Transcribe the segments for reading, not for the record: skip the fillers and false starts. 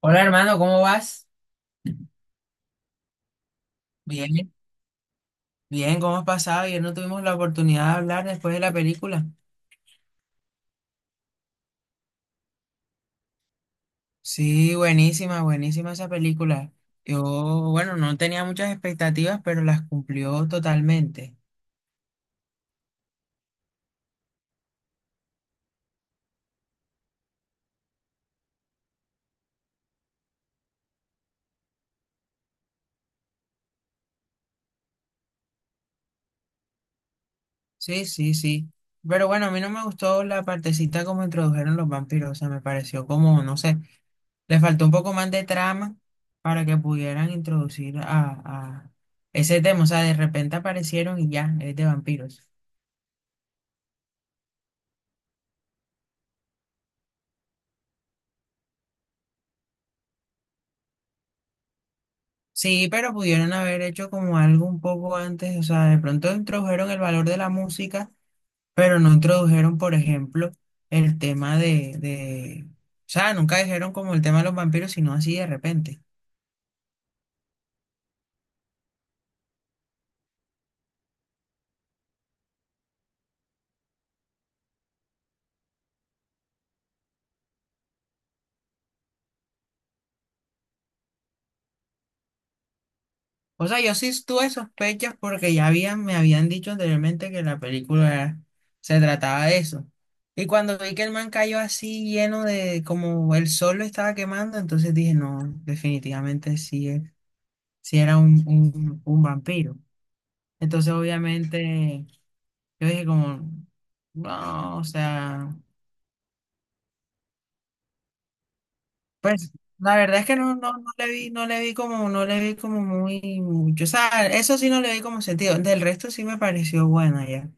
Hola hermano, ¿cómo vas? Bien, bien, ¿cómo has pasado? Ayer no tuvimos la oportunidad de hablar después de la película. Sí, buenísima, buenísima esa película. Yo, bueno, no tenía muchas expectativas, pero las cumplió totalmente. Sí, sí, sí. Pero bueno, a mí no me gustó la partecita como introdujeron los vampiros. O sea, me pareció como, no sé, le faltó un poco más de trama para que pudieran introducir a ese tema. O sea, de repente aparecieron y ya, es de vampiros. Sí, pero pudieron haber hecho como algo un poco antes, o sea, de pronto introdujeron el valor de la música, pero no introdujeron, por ejemplo, el tema de, o sea, nunca dijeron como el tema de los vampiros, sino así de repente. O sea, yo sí tuve sospechas porque ya me habían dicho anteriormente que la película se trataba de eso. Y cuando vi que el man cayó así lleno de, como el sol lo estaba quemando, entonces dije, no, definitivamente sí, sí era un vampiro. Entonces, obviamente, yo dije como, no, o sea, pues la verdad es que no, no, no le vi, no le vi como, no le vi como muy mucho. O sea, eso sí no le vi como sentido. Del resto sí me pareció buena ya.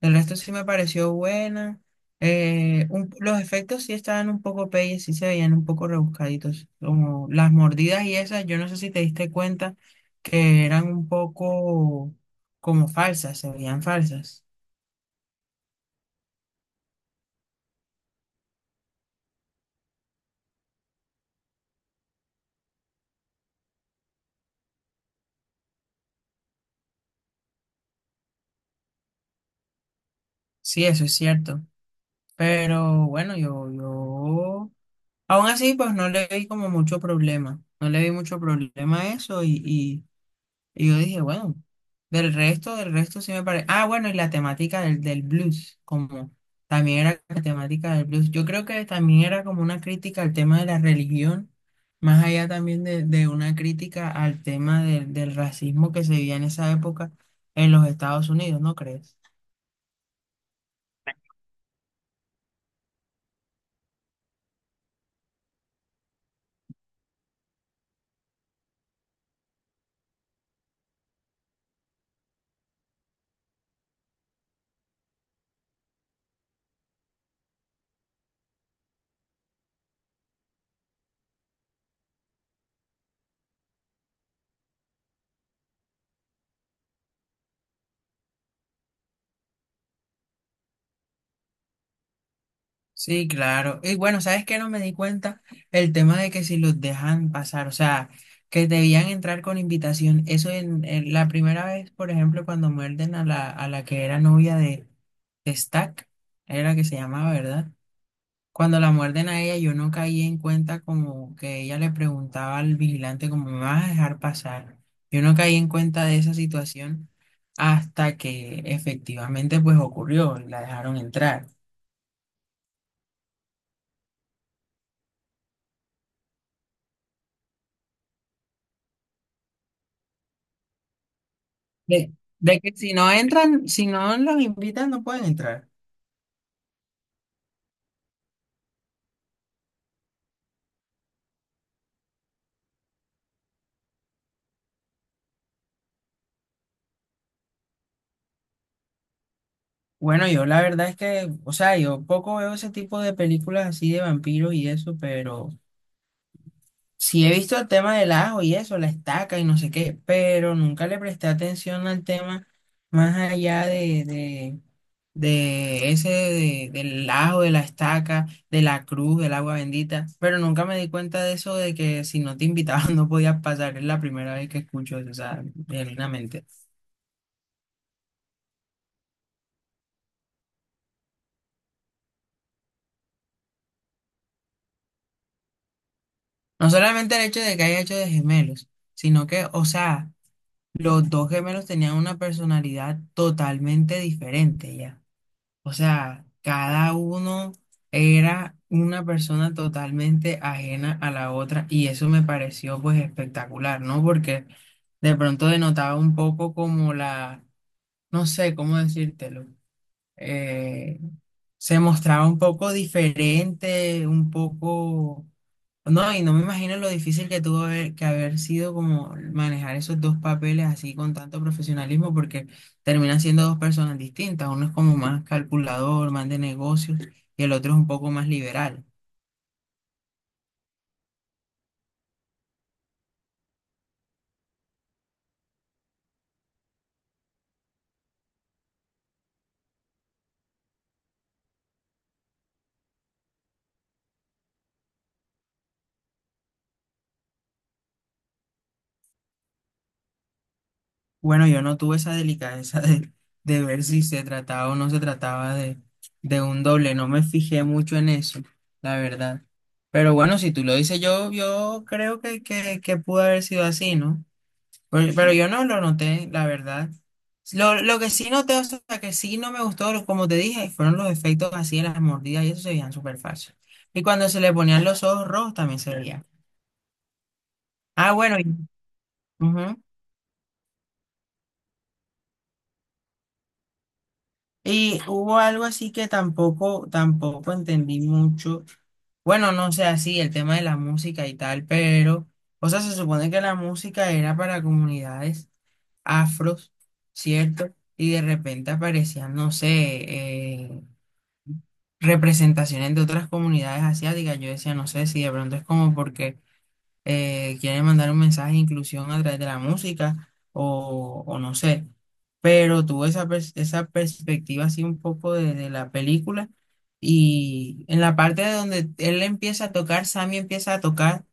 Del resto sí me pareció buena. Los efectos sí estaban un poco peyes, sí se veían un poco rebuscaditos. Como las mordidas y esas, yo no sé si te diste cuenta que eran un poco como falsas, se veían falsas. Sí, eso es cierto. Pero bueno, yo, aún así, pues no le vi como mucho problema. No le vi mucho problema a eso y yo dije, bueno, del resto sí me parece. Ah, bueno, y la temática del blues, como también era la temática del blues. Yo creo que también era como una crítica al tema de la religión, más allá también de una crítica al tema del racismo que se vivía en esa época en los Estados Unidos, ¿no crees? Sí, claro. Y bueno, ¿sabes qué? No me di cuenta el tema de que si los dejan pasar, o sea, que debían entrar con invitación. Eso en la primera vez, por ejemplo, cuando muerden a la que era novia de Stack, era que se llamaba, ¿verdad? Cuando la muerden a ella, yo no caí en cuenta como que ella le preguntaba al vigilante como, ¿me vas a dejar pasar? Yo no caí en cuenta de esa situación hasta que efectivamente pues ocurrió, la dejaron entrar. De, de que si no entran, si no los invitan, no pueden entrar. Bueno, yo la verdad es que, o sea, yo poco veo ese tipo de películas así de vampiros y eso, pero sí he visto el tema del ajo y eso, la estaca y no sé qué, pero nunca le presté atención al tema más allá de ese, del ajo, de la estaca, de la cruz, del agua bendita, pero nunca me di cuenta de eso, de que si no te invitaban no podías pasar, es la primera vez que escucho eso, o sea, genuinamente. No solamente el hecho de que haya hecho de gemelos, sino que, o sea, los dos gemelos tenían una personalidad totalmente diferente ya. O sea, cada uno era una persona totalmente ajena a la otra y eso me pareció pues espectacular, ¿no? Porque de pronto denotaba un poco no sé cómo decírtelo, eh, se mostraba un poco diferente, un poco no, y no me imagino lo difícil que que haber sido como manejar esos dos papeles así con tanto profesionalismo, porque terminan siendo dos personas distintas. Uno es como más calculador, más de negocios, y el otro es un poco más liberal. Bueno, yo no tuve esa delicadeza de, ver si se trataba o no se trataba de un doble. No me fijé mucho en eso, la verdad. Pero bueno, si tú lo dices, yo creo que pudo haber sido así, ¿no? Oye, pero yo no lo noté, la verdad. Lo que sí noté, o sea, que sí no me gustó, como te dije, fueron los efectos así de las mordidas y eso se veían súper fácil. Y cuando se le ponían los ojos rojos también se veía. Ah, bueno, ujú. Y hubo algo así que tampoco entendí mucho. Bueno, no sé, así el tema de la música y tal, pero, o sea, se supone que la música era para comunidades afros, ¿cierto? Y de repente aparecían, no sé, representaciones de otras comunidades asiáticas. Yo decía, no sé si de pronto es como porque quieren mandar un mensaje de inclusión a través de la música o no sé. Pero tuve esa perspectiva así un poco de la película y en la parte de donde él empieza a tocar, Sammy empieza a tocar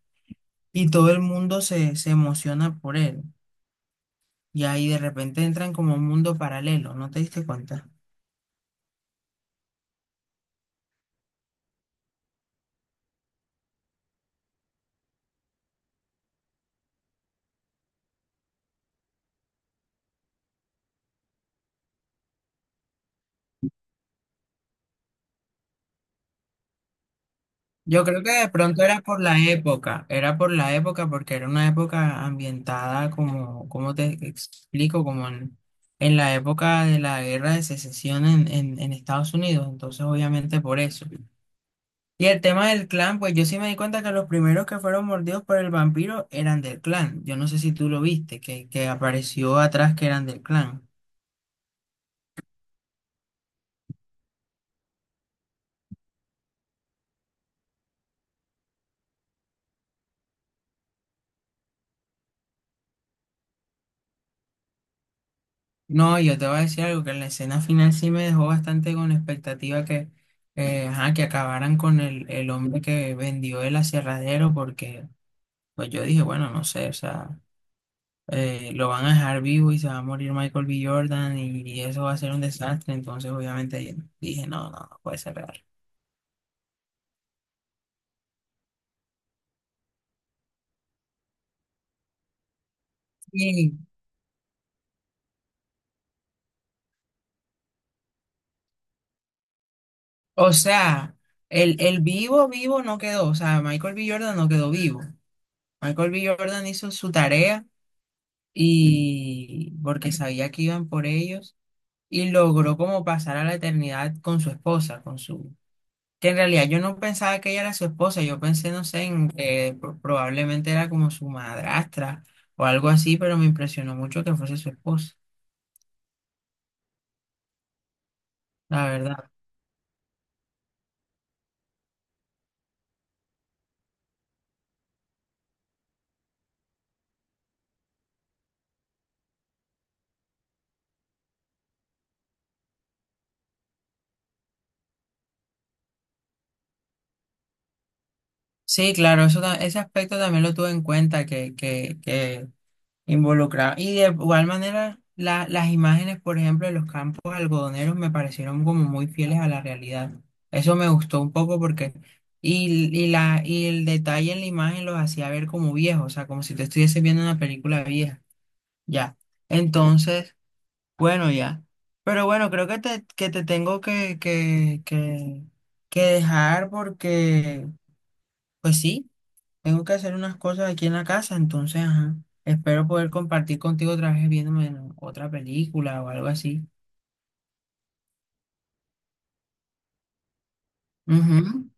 y todo el mundo se emociona por él. Y ahí de repente entran como un mundo paralelo, ¿no te diste cuenta? Yo creo que de pronto era por la época, era por la época porque era una época ambientada como, cómo te explico, como en la época de la guerra de secesión en Estados Unidos, entonces obviamente por eso. Y el tema del clan, pues yo sí me di cuenta que los primeros que fueron mordidos por el vampiro eran del clan. Yo no sé si tú lo viste, que apareció atrás que eran del clan. No, yo te voy a decir algo, que en la escena final sí me dejó bastante con expectativa ajá, que acabaran con el hombre que vendió el aserradero, porque pues yo dije, bueno, no sé, o sea, lo van a dejar vivo y se va a morir Michael B. Jordan y eso va a ser un desastre, entonces obviamente dije, no, no, no puede ser real. Sí, o sea, el vivo no quedó, o sea, Michael B. Jordan no quedó vivo. Michael B. Jordan hizo su tarea y porque sabía que iban por ellos. Y logró como pasar a la eternidad con su esposa, con su... Que en realidad yo no pensaba que ella era su esposa, yo pensé, no sé, en que probablemente era como su madrastra o algo así, pero me impresionó mucho que fuese su esposa, la verdad. Sí, claro, eso, ese aspecto también lo tuve en cuenta, que involucrado. Y de igual manera, las imágenes, por ejemplo, de los campos algodoneros me parecieron como muy fieles a la realidad. Eso me gustó un poco porque, y el detalle en la imagen los hacía ver como viejos, o sea, como si te estuviese viendo una película vieja. Ya. Entonces, bueno, ya. Pero bueno, creo que te, tengo que dejar porque, pues sí. Tengo que hacer unas cosas aquí en la casa, entonces, ajá. Espero poder compartir contigo otra vez viéndome otra película o algo así. Ujú.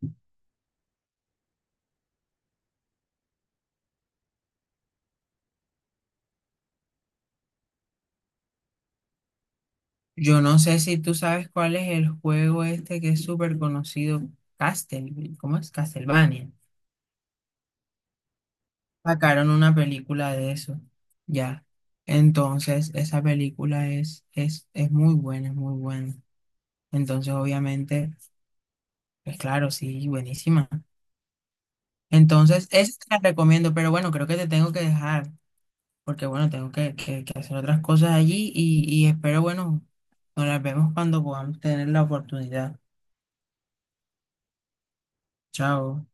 Yo no sé si tú sabes cuál es el juego este que es súper conocido, Castle, ¿cómo es? Castlevania. Sacaron una película de eso, ya. Entonces, esa película es muy buena, es muy buena. Entonces, obviamente, pues claro, sí, buenísima. Entonces, esa te la recomiendo, pero bueno, creo que te tengo que dejar. Porque bueno, tengo que hacer otras cosas allí y espero, bueno, nos las vemos cuando podamos tener la oportunidad. Chao.